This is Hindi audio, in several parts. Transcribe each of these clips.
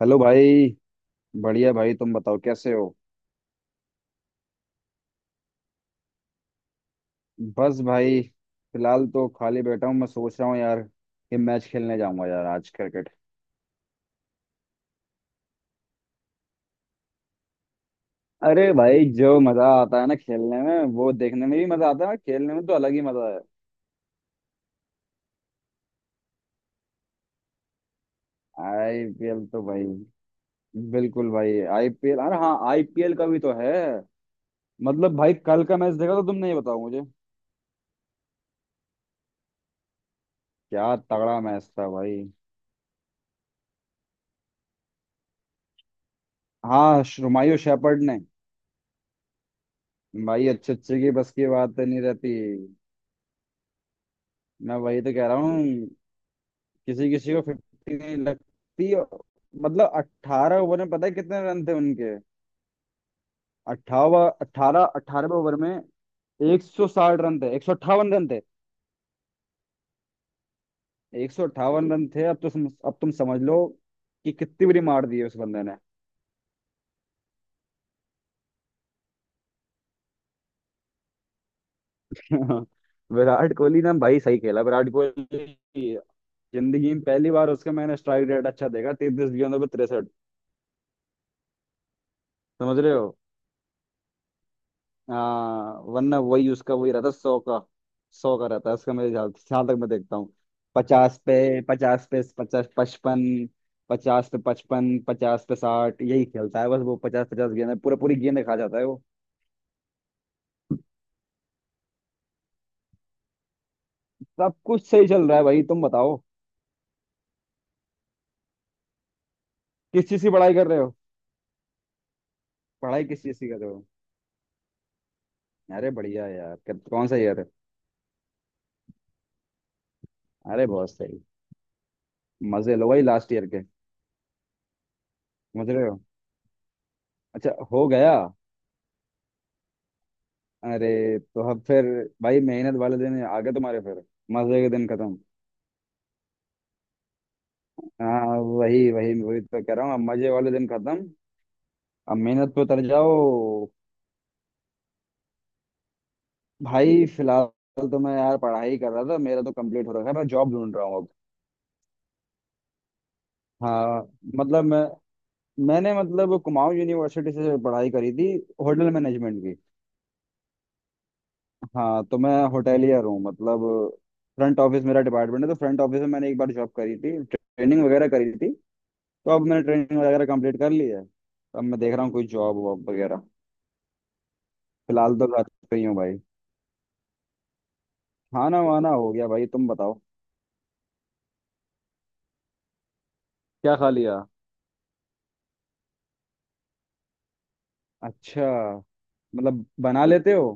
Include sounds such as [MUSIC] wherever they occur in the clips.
हेलो भाई। बढ़िया भाई, तुम बताओ कैसे हो। बस भाई, फिलहाल तो खाली बैठा हूँ। मैं सोच रहा हूँ यार कि मैच खेलने जाऊंगा यार आज, क्रिकेट। अरे भाई जो मजा आता है ना खेलने में, वो देखने में भी मजा आता है, और खेलने में तो अलग ही मजा है। आईपीएल तो भाई, बिल्कुल भाई आईपीएल, अरे हाँ आईपीएल का भी तो है। मतलब भाई, कल का मैच देखा तो तुमने, ये बताओ मुझे। क्या तगड़ा मैच था भाई। हाँ, हुमायूं शेफर्ड ने। भाई अच्छे अच्छे की बस की बात नहीं रहती। मैं वही तो कह रहा हूँ। किसी किसी को 50 लगती है। मतलब 18 ओवर में पता है कितने रन थे उनके। अट्ठावन अट्ठारह 18वें ओवर में 160 रन थे, 158 रन थे। अब तो अब तुम समझ लो कि कितनी बड़ी मार दी है उस बंदे ने। [LAUGHS] विराट कोहली ने भाई सही खेला। विराट कोहली, जिंदगी में पहली बार उसका मैंने स्ट्राइक रेट अच्छा देखा, 33 गेंदों पे 63। समझ रहे हो। हाँ, वरना वही उसका वही रहता, 100 का। 100 का रहता है उसका, मेरे ख्याल ख्याल तक मैं देखता हूँ। पचास 55। 50 पे 55, 50 पे 60, यही खेलता है बस वो। पचास पचास गेंद पूरा पूरी गेंद खा जाता है वो। सब कुछ सही चल रहा है भाई, तुम बताओ। किस चीज की पढ़ाई कर रहे हो। पढ़ाई किस चीज की कर रहे हो। अरे बढ़िया यार, कौन सा ईयर है। अरे बहुत सही। मजे लो भाई लास्ट ईयर के। समझ रहे हो। अच्छा, हो गया। अरे तो अब फिर, भाई मेहनत वाले दिन आ गए तुम्हारे फिर, मजे के दिन खत्म। हाँ वही वही, वही तो कह रहा हूँ, अब मजे वाले दिन खत्म, अब मेहनत पे उतर जाओ। भाई फिलहाल तो मैं यार पढ़ाई कर रहा था, मेरा तो कंप्लीट हो रखा है, मैं जॉब ढूंढ रहा हूँ अब। हाँ। मतलब मैंने मतलब कुमाऊं यूनिवर्सिटी से पढ़ाई करी थी, होटल मैनेजमेंट की। हाँ तो मैं होटेलियर हूँ मतलब, फ्रंट ऑफिस मेरा डिपार्टमेंट है, तो फ्रंट ऑफिस में मैंने एक बार जॉब करी थी, ट्रेनिंग वगैरह करी थी। तो अब मैंने ट्रेनिंग वगैरह कंप्लीट कर ली है। अब मैं देख रहा हूँ कोई जॉब वॉब वगैरह। फिलहाल तो घर पे ही हूँ भाई। खाना वाना हो गया भाई, तुम बताओ। क्या खा लिया। अच्छा, मतलब बना लेते हो।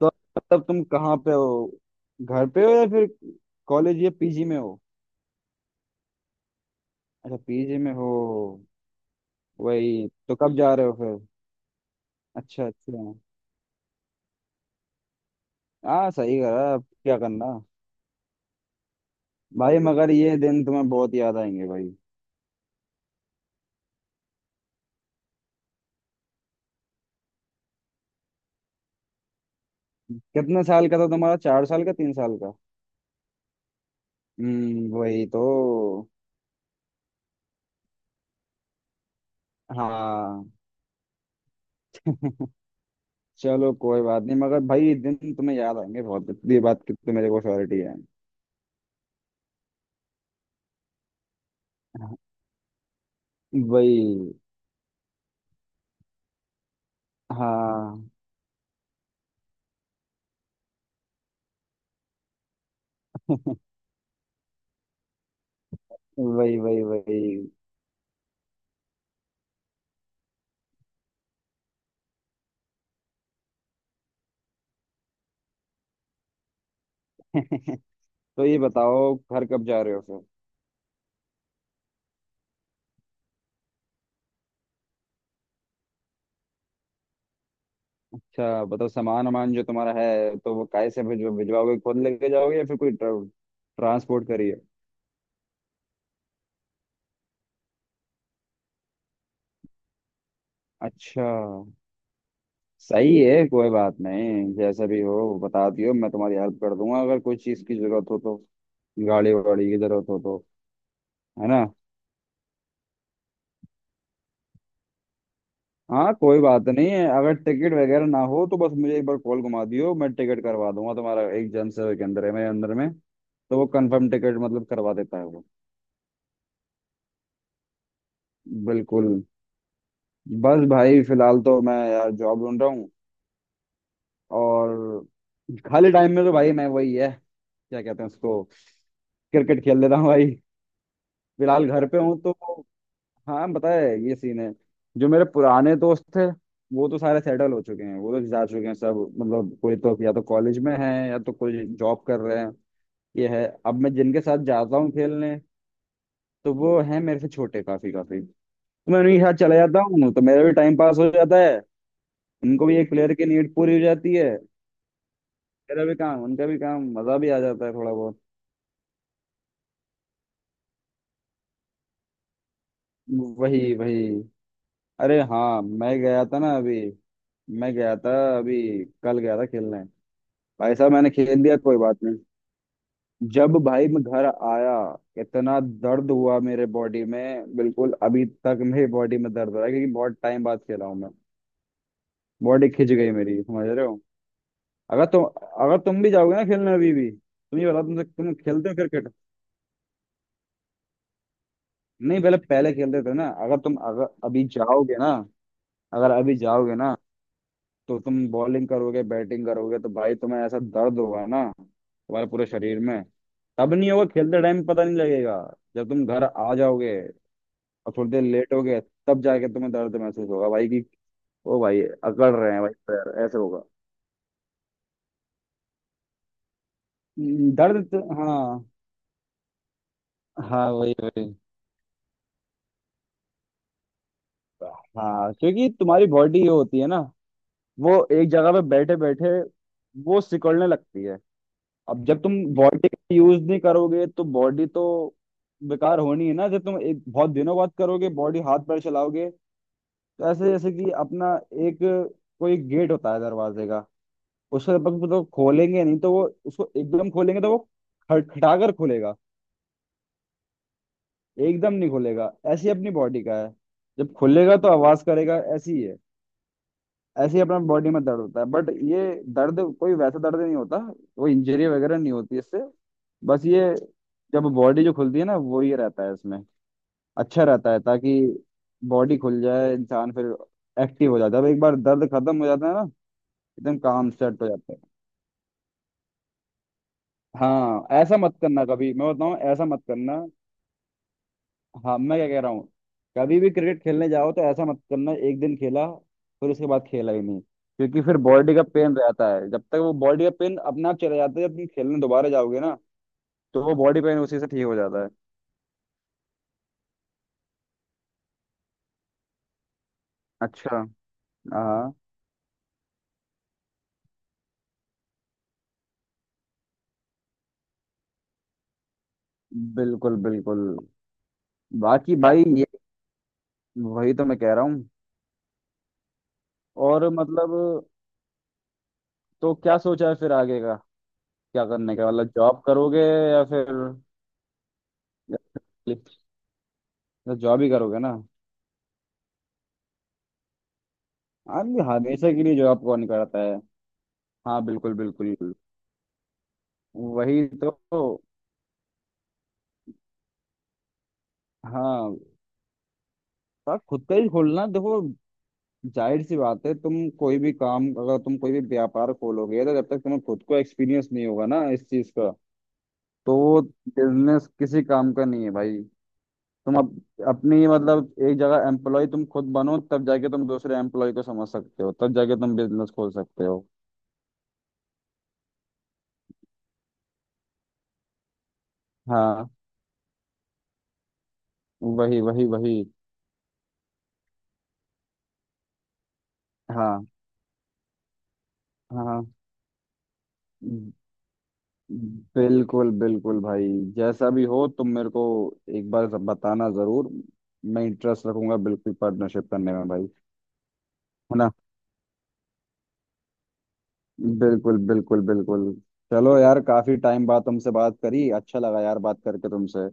तो मतलब तुम कहाँ पे हो, घर पे हो या फिर कॉलेज या पीजी में हो। अच्छा पीजी में हो। वही तो, कब जा रहे हो फिर। अच्छा अच्छा। हाँ सही करा, अब क्या करना। भाई मगर ये दिन तुम्हें बहुत याद आएंगे भाई। कितने साल का था तुम्हारा, 4 साल का, 3 साल का। हम्म, वही तो। हाँ, चलो कोई बात नहीं, मगर भाई ये दिन तुम्हें याद आएंगे बहुत, ये बात की तो मेरे को श्योरिटी है। वही। हाँ वही वही वही। [LAUGHS] तो ये बताओ घर कब जा रहे हो फिर। अच्छा बताओ, सामान वामान जो तुम्हारा है तो वो काय से भिजवाओगे, खुद लेके जाओगे या फिर कोई ट्रांसपोर्ट करिए। अच्छा। सही है, कोई बात नहीं, जैसा भी हो बता दियो, मैं तुम्हारी हेल्प कर दूंगा अगर कोई चीज़ की जरूरत हो तो, गाड़ी वाड़ी की जरूरत हो तो। है ना। हाँ, कोई बात नहीं है, अगर टिकट वगैरह ना हो तो बस मुझे एक बार कॉल घुमा दियो, मैं टिकट करवा दूंगा तुम्हारा, एक जन से के अंदर है मेरे अंदर में, तो वो कंफर्म टिकट मतलब करवा देता है वो। बिल्कुल। बस भाई फिलहाल तो मैं यार जॉब ढूंढ रहा हूँ। और खाली टाइम में तो भाई मैं वही है, क्या कहते हैं उसको, क्रिकेट खेल लेता हूँ भाई। फिलहाल घर पे हूँ तो, हाँ बताए ये सीन है। जो मेरे पुराने दोस्त थे वो तो सारे सेटल हो चुके हैं, वो तो जा चुके हैं सब, मतलब कोई तो या तो कॉलेज में है या तो कोई जॉब कर रहे हैं। ये है, अब मैं जिनके साथ जाता हूँ खेलने, तो वो है मेरे से छोटे, काफी काफी। तो मैं उन्हीं के साथ चला जाता हूँ, तो मेरा भी टाइम पास हो जाता है, उनको भी एक प्लेयर की नीड पूरी हो जाती है, मेरा भी काम उनका भी काम, मजा भी आ जाता है थोड़ा बहुत। वही वही। अरे हाँ, मैं गया था अभी कल गया था खेलने, भाई साहब मैंने खेल दिया, कोई बात नहीं। जब भाई मैं घर आया, इतना दर्द हुआ मेरे बॉडी में, बिल्कुल अभी तक मेरी बॉडी में दर्द हो रहा है, क्योंकि बहुत टाइम बाद खेला हूँ मैं। बॉडी खिंच गई मेरी, समझ रहे हो। अगर तुम अगर तुम भी जाओगे ना खेलने, अभी भी तुम ये बताओ, तुम खेलते हो क्रिकेट। नहीं पहले, पहले खेलते थे ना, अगर अभी जाओगे ना, अगर अभी जाओगे ना, तो तुम बॉलिंग करोगे बैटिंग करोगे तो भाई तुम्हें ऐसा दर्द होगा ना, तुम्हारे पूरे शरीर में। तब नहीं होगा खेलते टाइम, पता नहीं लगेगा, जब तुम घर आ जाओगे और थोड़ी देर लेट हो गए, तब जाके तुम्हें दर्द महसूस होगा भाई, कि ओ भाई अकड़ रहे हैं भाई पैर, ऐसे होगा। हाँ। हाँ वही वही। हाँ क्योंकि तुम्हारी बॉडी जो होती है ना, वो एक जगह पे बैठे बैठे वो सिकुड़ने लगती है। अब जब तुम बॉडी का यूज नहीं करोगे, तो बॉडी तो बेकार होनी है ना, जब तुम एक बहुत दिनों बाद करोगे, बॉडी हाथ पैर चलाओगे, तो ऐसे जैसे कि अपना, एक कोई गेट होता है दरवाजे का, उसको जब तक तो खोलेंगे नहीं, तो वो उसको एकदम खोलेंगे तो वो खटखटाकर खुलेगा, एकदम नहीं खुलेगा, ऐसी अपनी बॉडी का है, जब खुलेगा तो आवाज करेगा, ऐसी है। ऐसे ही अपना बॉडी में दर्द होता है, बट ये दर्द कोई वैसा दर्द नहीं होता, कोई इंजरी वगैरह नहीं होती इससे। बस ये, जब बॉडी जो खुलती है ना वो ये रहता है इसमें, अच्छा रहता है, ताकि बॉडी खुल जाए, इंसान फिर एक्टिव हो जाता है जब एक बार दर्द खत्म हो जाता है ना, एकदम काम सेट हो जाता है। हाँ, ऐसा मत करना कभी, मैं बताऊँ, ऐसा मत करना। हाँ मैं क्या कह रहा हूँ, कभी भी क्रिकेट खेलने जाओ तो ऐसा मत करना, एक दिन खेला फिर उसके बाद खेला ही नहीं, क्योंकि फिर बॉडी का पेन रहता है, जब तक वो बॉडी का पेन अपने आप चला जाता है जब तुम खेलने दोबारा जाओगे ना, तो वो बॉडी पेन उसी से ठीक हो जाता है। अच्छा। हाँ बिल्कुल बिल्कुल। बाकी भाई ये, वही तो मैं कह रहा हूँ। और मतलब, तो क्या सोचा है फिर आगे का, क्या करने का मतलब, जॉब करोगे या फिर, जॉब ही करोगे ना। आदमी हमेशा के लिए जॉब कौन करता है। हाँ बिल्कुल बिल्कुल, वही तो। हाँ, तो खुद का ही खोलना देखो। जाहिर सी बात है, तुम कोई भी काम, अगर तुम कोई भी व्यापार खोलोगे, तो जब तक तुम्हें खुद को एक्सपीरियंस नहीं होगा ना इस चीज का, तो वो बिजनेस किसी काम का नहीं है भाई। तुम अप, अपनी मतलब, एक जगह एम्प्लॉय तुम खुद बनो, तब जाके तुम दूसरे एम्प्लॉय को समझ सकते हो, तब जाके तुम बिजनेस खोल सकते हो। हाँ वही वही वही। हाँ हाँ हाँ। बिल्कुल बिल्कुल भाई। जैसा भी हो तुम मेरे को एक बार बताना जरूर, मैं इंटरेस्ट रखूंगा बिल्कुल पार्टनरशिप करने में भाई। है ना। बिल्कुल बिल्कुल बिल्कुल। चलो यार, काफी टाइम बाद तुमसे बात करी, अच्छा लगा यार बात करके तुमसे।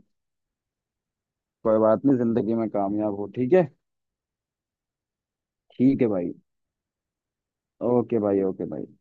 कोई बात नहीं, जिंदगी में कामयाब हो, ठीक है। ठीक है भाई। ओके भाई ओके भाई।